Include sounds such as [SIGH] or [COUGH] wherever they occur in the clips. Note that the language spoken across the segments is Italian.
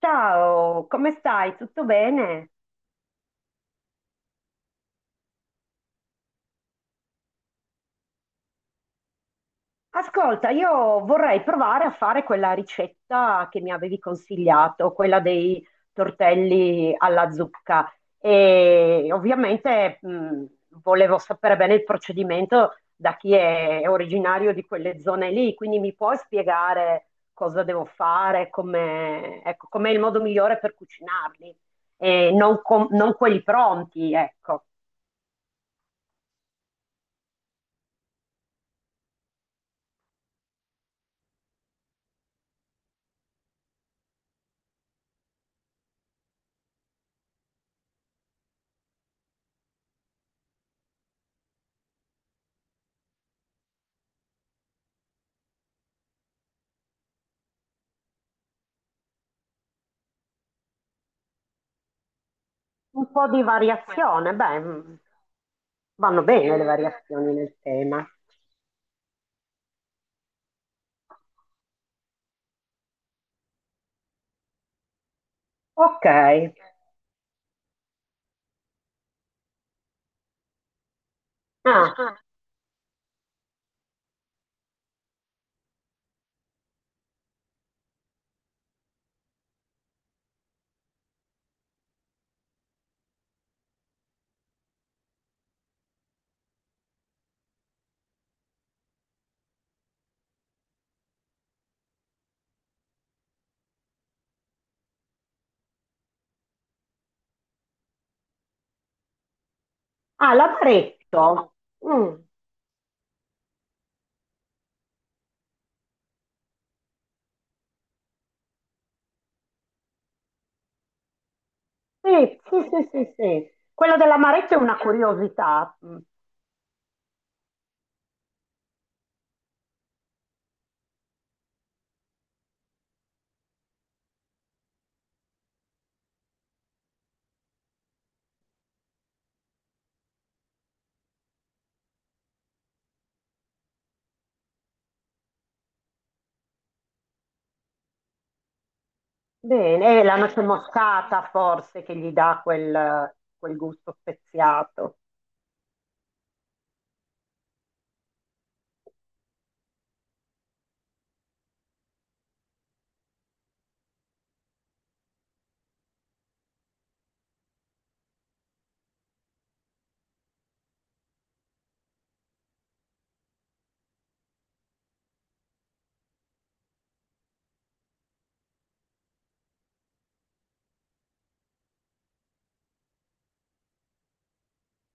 Ciao, come stai? Tutto bene? Ascolta, io vorrei provare a fare quella ricetta che mi avevi consigliato, quella dei tortelli alla zucca. E ovviamente volevo sapere bene il procedimento da chi è originario di quelle zone lì, quindi mi puoi spiegare cosa devo fare, come, ecco, com'è il modo migliore per cucinarli e non, non quelli pronti, ecco. Un po' di variazione, beh, vanno bene le variazioni nel tema. Ok. Ah, [LAUGHS] ah, l'amaretto. Mm, sì, sì, sì, sì, sì. Quello dell'amaretto è una curiosità. Mm, bene, e la noce moscata forse che gli dà quel, quel gusto speziato.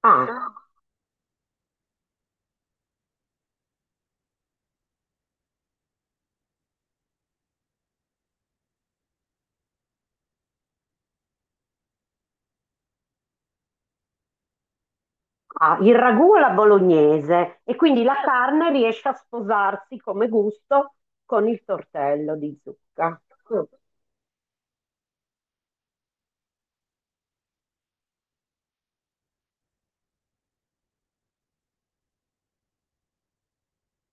Ah, ah, il ragù alla bolognese e quindi la carne riesce a sposarsi come gusto con il tortello di zucca. Mm.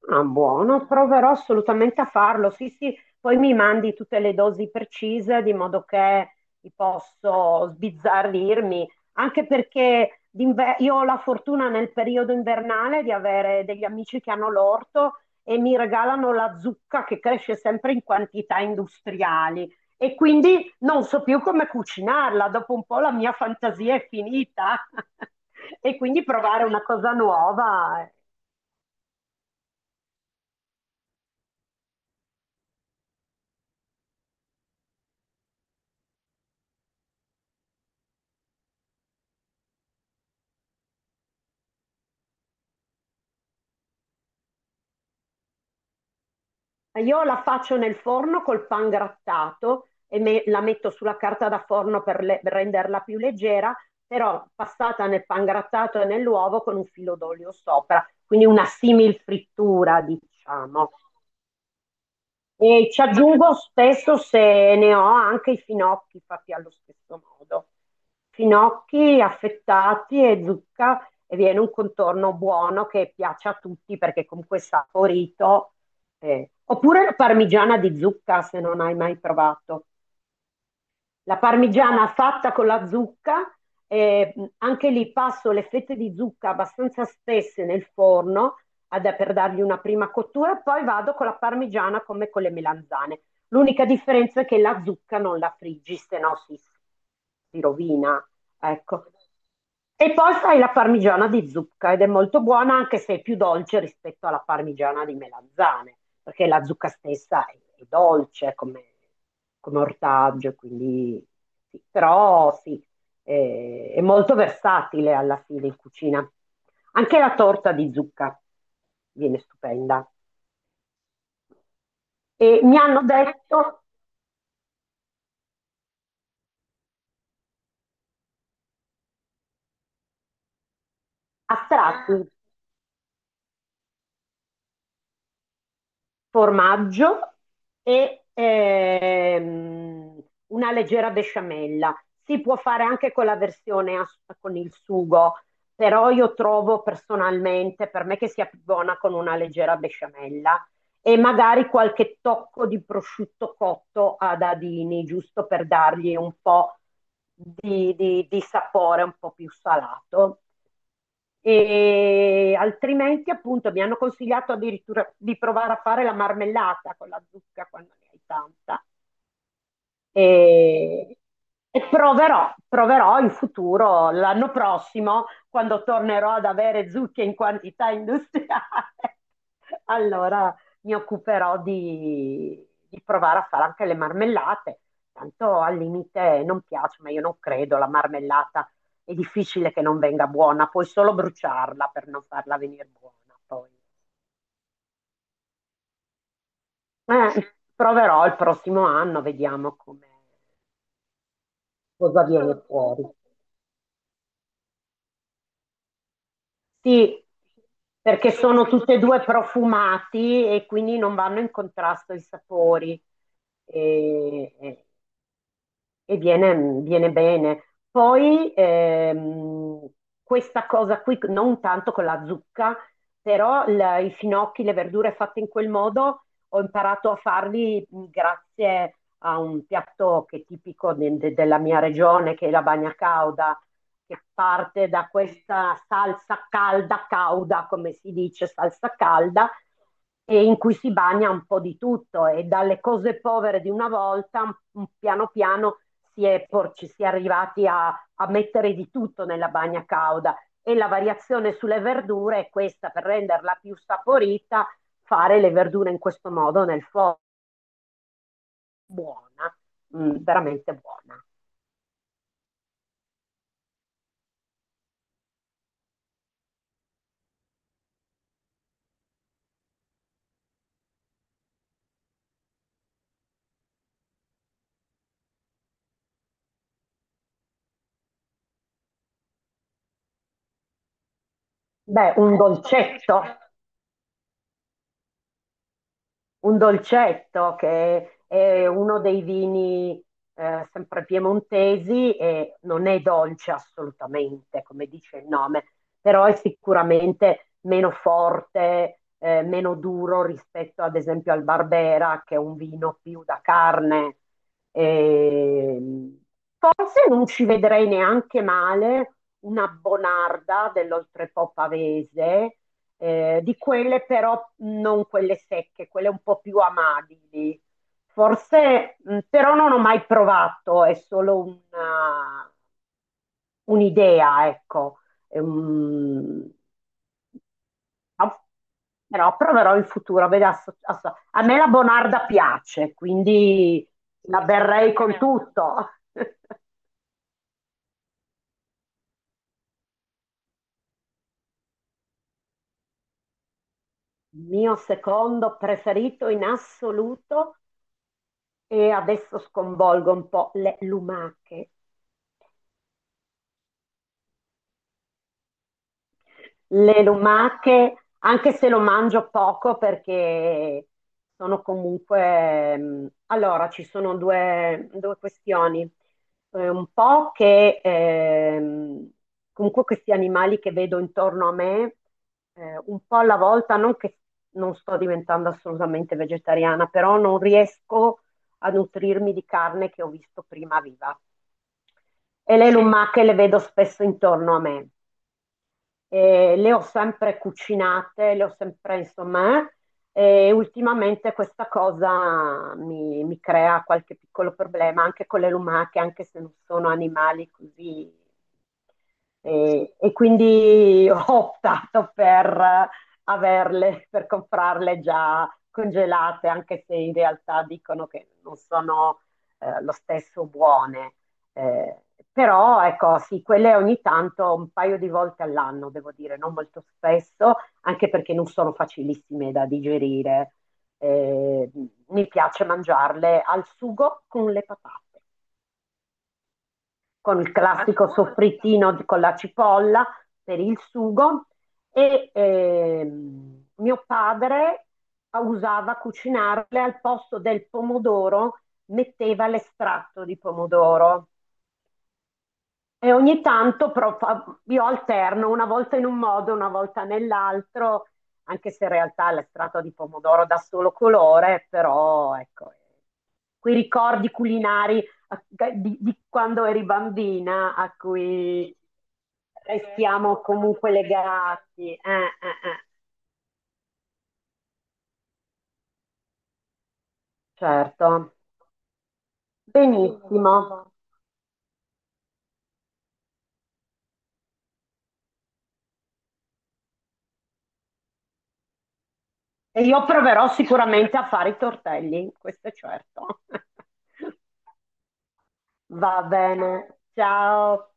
Ah, buono, proverò assolutamente a farlo. Sì, sì, poi mi mandi tutte le dosi precise di modo che li posso sbizzarrirmi, anche perché io ho la fortuna nel periodo invernale di avere degli amici che hanno l'orto e mi regalano la zucca che cresce sempre in quantità industriali e quindi non so più come cucinarla, dopo un po' la mia fantasia è finita [LAUGHS] e quindi provare una cosa nuova. Io la faccio nel forno col pan grattato e la metto sulla carta da forno per, per renderla più leggera, però passata nel pan grattato e nell'uovo con un filo d'olio sopra, quindi una simil frittura, diciamo. E ci aggiungo spesso se ne ho anche i finocchi fatti allo stesso modo. Finocchi affettati e zucca e viene un contorno buono che piace a tutti perché comunque è saporito. Eh. Oppure la parmigiana di zucca se non hai mai provato. La parmigiana fatta con la zucca, anche lì passo le fette di zucca abbastanza spesse nel forno per dargli una prima cottura, e poi vado con la parmigiana come con le melanzane. L'unica differenza è che la zucca non la friggi, se no si, si rovina. Ecco. E poi fai la parmigiana di zucca ed è molto buona anche se è più dolce rispetto alla parmigiana di melanzane perché la zucca stessa è dolce come, come ortaggio, quindi sì. Però sì, è molto versatile alla fine in cucina. Anche la torta di zucca viene stupenda. E mi hanno detto a tratti, formaggio e una leggera besciamella. Si può fare anche con la versione con il sugo, però io trovo personalmente per me che sia più buona con una leggera besciamella e magari qualche tocco di prosciutto cotto a dadini, giusto per dargli un po' di, di sapore un po' più salato e altrimenti appunto mi hanno consigliato addirittura di provare a fare la marmellata con la zucca quando ne hai tanta e, e proverò, proverò in futuro, l'anno prossimo, quando tornerò ad avere zucche in quantità industriale. [LAUGHS] Allora mi occuperò di provare a fare anche le marmellate. Tanto al limite non piace, ma io non credo, la marmellata è difficile che non venga buona, puoi solo bruciarla per non farla venire buona poi. Proverò il prossimo anno, vediamo come, cosa viene fuori. Sì, perché sono tutti e tutti due profumati e quindi non vanno in contrasto i sapori e, e viene, viene bene. Poi questa cosa qui, non tanto con la zucca, però i finocchi, le verdure fatte in quel modo, ho imparato a farli grazie a un piatto che è tipico della mia regione, che è la bagna cauda che parte da questa salsa calda, cauda, come si dice, salsa calda, e in cui si bagna un po' di tutto e dalle cose povere di una volta, piano piano si è, ci si è arrivati a, a mettere di tutto nella bagna cauda e la variazione sulle verdure è questa, per renderla più saporita, fare le verdure in questo modo nel forno, buona, mm, veramente buona. Beh, un dolcetto. Un dolcetto che è uno dei vini sempre piemontesi e non è dolce assolutamente, come dice il nome, però è sicuramente meno forte, meno duro rispetto ad esempio al Barbera, che è un vino più da carne. Ehm, Forse non ci vedrei neanche male una bonarda dell'oltrepò pavese, di quelle però non quelle secche, quelle un po' più amabili. Forse, però non ho mai provato, è solo una- un'idea, ecco. Ehm, ma- però proverò in futuro. Vedi, a me la bonarda piace, quindi la berrei con tutto. Il mio secondo preferito in assoluto e adesso sconvolgo un po' le lumache. Le lumache, anche se lo mangio poco perché sono comunque... allora, ci sono due, due questioni. Un po' che comunque questi animali che vedo intorno a me, un po' alla volta, non che non sto diventando assolutamente vegetariana, però non riesco a nutrirmi di carne che ho visto prima viva. E le sì, lumache le vedo spesso intorno a me le ho sempre cucinate, le ho sempre, insomma, e ultimamente questa cosa mi, mi crea qualche piccolo problema anche con le lumache, anche se non sono animali così e quindi [LAUGHS] ho optato per averle, per comprarle già congelate, anche se in realtà dicono che non sono lo stesso buone. Eh, però ecco, sì, quelle ogni tanto, un paio di volte all'anno, devo dire, non molto spesso, anche perché non sono facilissime da digerire. Eh, mi piace mangiarle al sugo con le patate con il classico soffrittino con la cipolla per il sugo e mio padre usava cucinarle al posto del pomodoro, metteva l'estratto di pomodoro e ogni tanto però io alterno una volta in un modo, una volta nell'altro, anche se in realtà l'estratto di pomodoro dà solo colore, però ecco, quei ricordi culinari a- di quando eri bambina a cui restiamo comunque legati. Certo, benissimo. E io proverò sicuramente a fare i tortelli, questo è certo. [LAUGHS] Va bene, ciao.